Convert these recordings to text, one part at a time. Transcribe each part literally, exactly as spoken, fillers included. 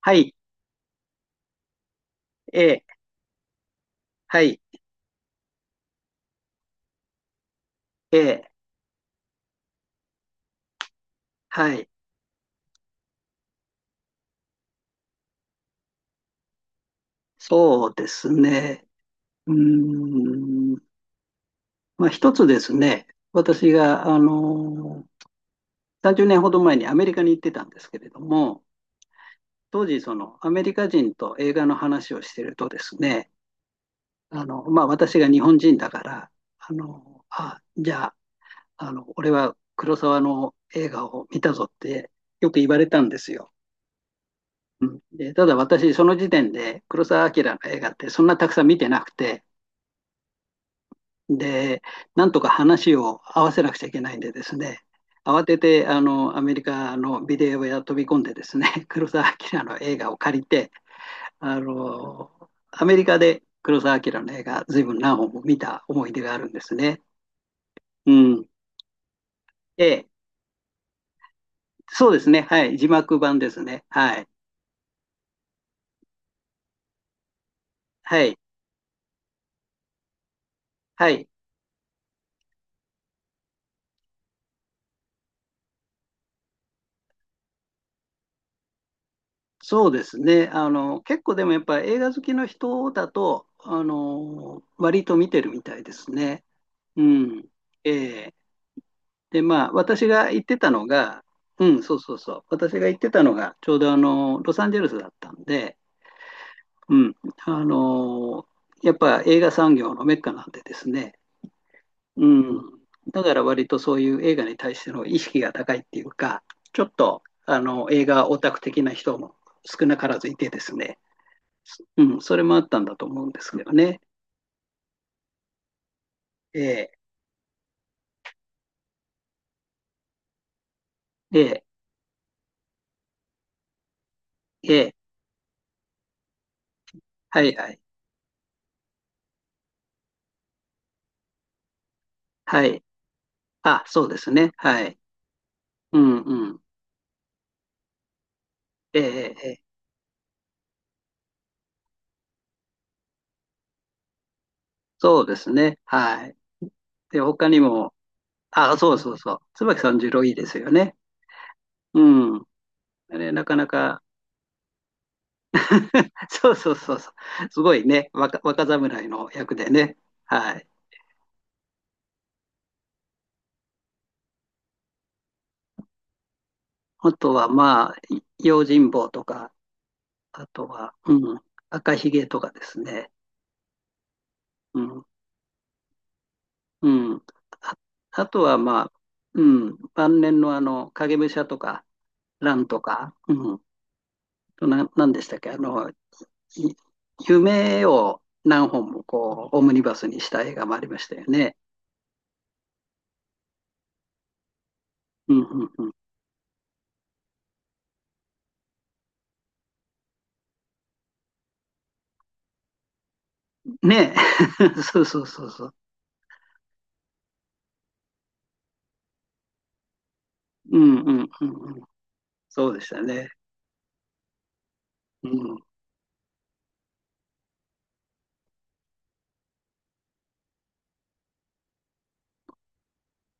はい、ええ、はい、ええ、はい、そうですね。うーん、まあ一つですね、私が、あのー、さんじゅうねんほど前にアメリカに行ってたんですけれども、当時、そのアメリカ人と映画の話をしてるとですね、あの、まあ私が日本人だから、あの、あ、じゃあ、あの、俺は黒沢の映画を見たぞってよく言われたんですよ。うんで、ただ私、その時点で黒澤明の映画ってそんなたくさん見てなくて、で、なんとか話を合わせなくちゃいけないんでですね、慌ててあのアメリカのビデオ屋飛び込んでですね、黒澤明の映画を借りて、あの、アメリカで黒澤明の映画、ずいぶん何本も見た思い出があるんですね。うん。ええ、そうですね。はい。字幕版ですね。はい。はい。はい。そうですね。あの、結構でもやっぱ映画好きの人だと、あの、割と見てるみたいですね。うん。ええで、まあ、私が行ってたのが、うん、そうそうそう。私が行ってたのが、ちょうどあの、ロサンゼルスだったんで、うん。あの、やっぱ映画産業のメッカなんでですね。うん。だから割とそういう映画に対しての意識が高いっていうか、ちょっと、あの、映画オタク的な人も少なからずいてですね。うん、それもあったんだと思うんですけどね。ええ、ええ、ええ、はいはい、はい。あ、そうですね。はい。うんうん。ええ、ええ、ええそうですね。はい。で、他にも、あ、そうそうそう。椿三十郎いいですよね。うん。あれ、なかなか、そうそうそうそう。すごいね、若、若侍の役でね。はい。あとは、まあ、い用心棒とか、あとは、うん、赤ひげとかですね。うんうん。あ、あとは、まあ、うん、晩年のあの、影武者とか、ンとか、うん、な、なんでしたっけ、あの、い夢を何本もこう、オムニバスにした映画もありましたよね。うん、うん、うん。ねえ。そうそうそうそう。うん、うん、うん。うんそうでしたね。うん、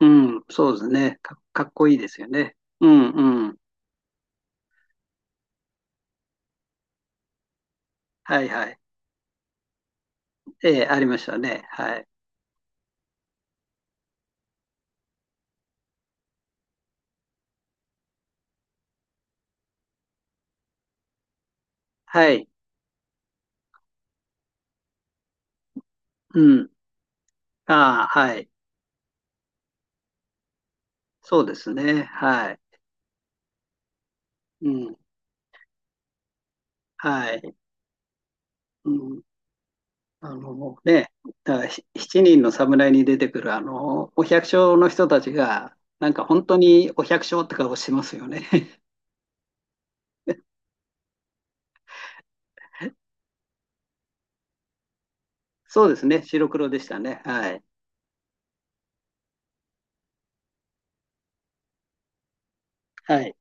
うん、そうですね。か、かっこいいですよね。うん、うん。はいはい。ええ、ありましたね。はい。はい。うん。ああ、はい。そうですね。はい。うん、はい。うん、あのね、だからひ七人の侍に出てくるあのお百姓の人たちが、なんか本当にお百姓って顔してますよね。そうですね、白黒でしたね。はい。はい。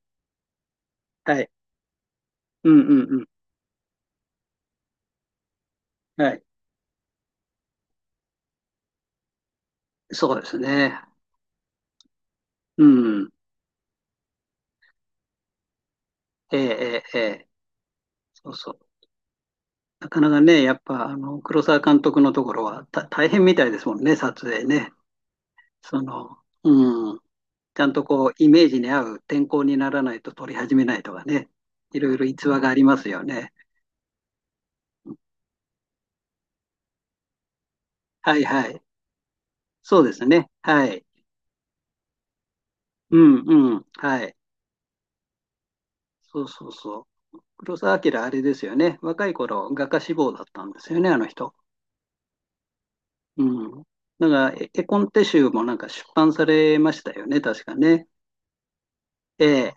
はい。うんうんうん。はい。そうですね。うん。ええええええそうそう。なかなかね、やっぱあの黒澤監督のところはた大変みたいですもんね、撮影ね。その、うん。ちゃんとこう、イメージに合う天候にならないと取り始めないとかね、いろいろ逸話がありますよね。はいはい。そうですね。はい。うんうん。はい。そうそうそう。黒澤明、あれですよね。若い頃、画家志望だったんですよね、あの人。うん。なんか、絵絵コンテ集もなんか出版されましたよね、確かね。ええ。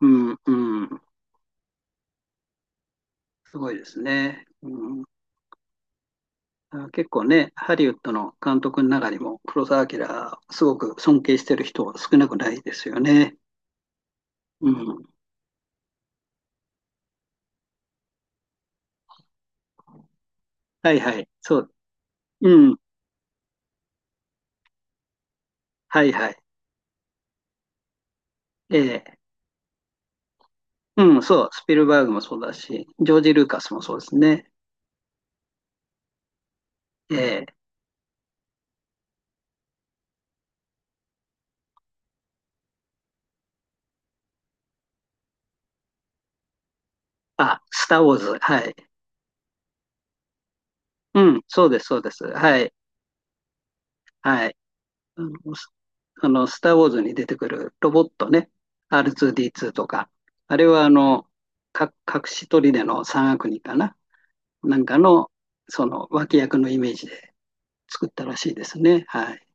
うんうん。すごいですね。うんあ結構ね、ハリウッドの監督の中にも、黒澤明、すごく尊敬してる人は少なくないですよね。うん。はいはい。そう。うん。はいはい。ええ。うん、そう。スピルバーグもそうだし、ジョージ・ルーカスもそうですね。ええ。あ、スター・ウォーズ。はい。うん、そうです、そうです。はい。はい。あの、スあのスター・ウォーズに出てくるロボットね。アールツーディーツー とか。あれは、あの、か隠し砦の三悪人かな。なんかの、その脇役のイメージで作ったらしいですね。はい。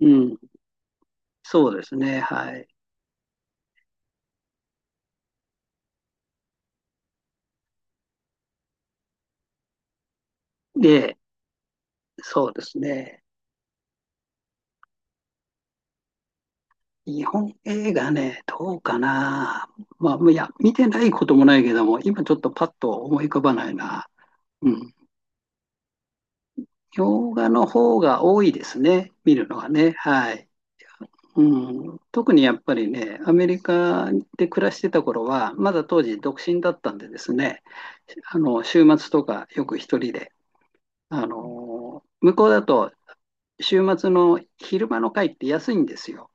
うん。そうですね。はい。で、そうですね。日本映画ね、どうかな。まあ、いや、見てないこともないけども、今ちょっとパッと思い浮かばないな。うん。洋画の方が多いですね。見るのはね。はい。うん、特にやっぱりね、アメリカで暮らしてた頃は、まだ当時独身だったんでですね、あの週末とかよく一人であの向こうだと週末の昼間の会って安いんですよ。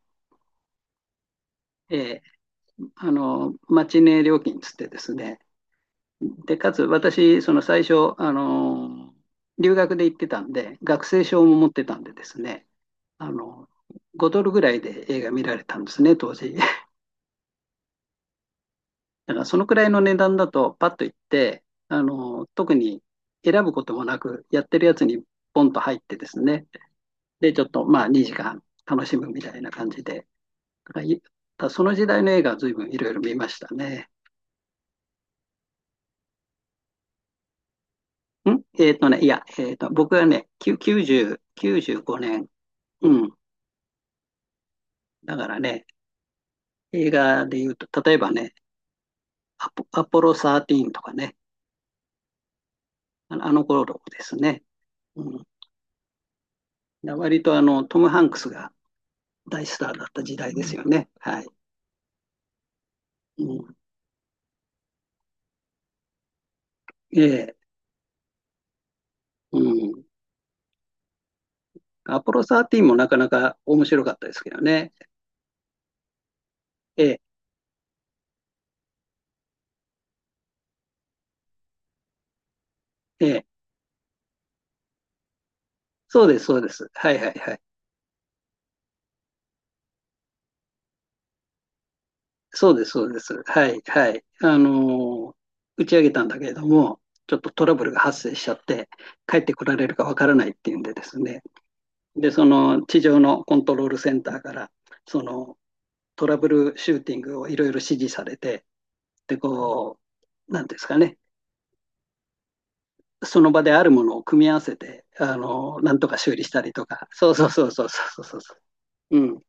えーあのマチネ料金つってですね。で、かつ私、その最初、あの留学で行ってたんで、学生証も持ってたんでですね、あのごドルぐらいで映画見られたんですね、当時。だからそのくらいの値段だと、パッと行って、あの特に選ぶこともなく、やってるやつにポンと入ってですね、で、ちょっとまあにじかん楽しむみたいな感じで。だかその時代の映画は随分いろいろ見ましたね。んえっとね、いや、えっと、僕はね、きゅきゅうじゅう、きゅうじゅうごねん。うん。だからね、映画で言うと、例えばね、アポ、アポロじゅうさんとかね、あの、あの頃ですね。うん。だ割とあの、トム・ハンクスが大スターだった時代ですよね。はい。うん。ええ、うん。アポロじゅうさんもなかなか面白かったですけどね。ええ、ええ。そうです、そうです。はいはいはい。そうです、そうです。はい、はい。あのー打ち上げたんだけれども、ちょっとトラブルが発生しちゃって、帰ってこられるかわからないっていうんでですね。で、その地上のコントロールセンターから、そのトラブルシューティングをいろいろ指示されて、で、こう、なんていうんですかね。その場であるものを組み合わせて、あのーなんとか修理したりとか。そうそうそうそうそうそうそう。うん。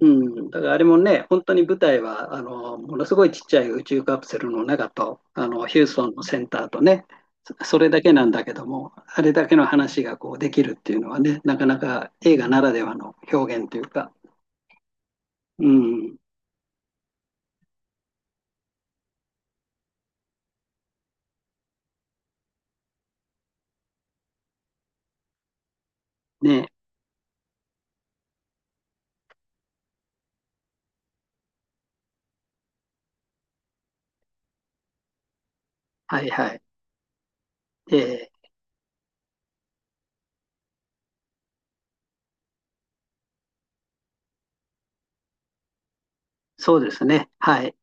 うん、だからあれもね、本当に舞台はあのものすごいちっちゃい宇宙カプセルの中とあのヒューストンのセンターとね、そそれだけなんだけども、あれだけの話がこうできるっていうのはね、なかなか映画ならではの表現というか、うん、ね、はいはい。えーそうですね、はい。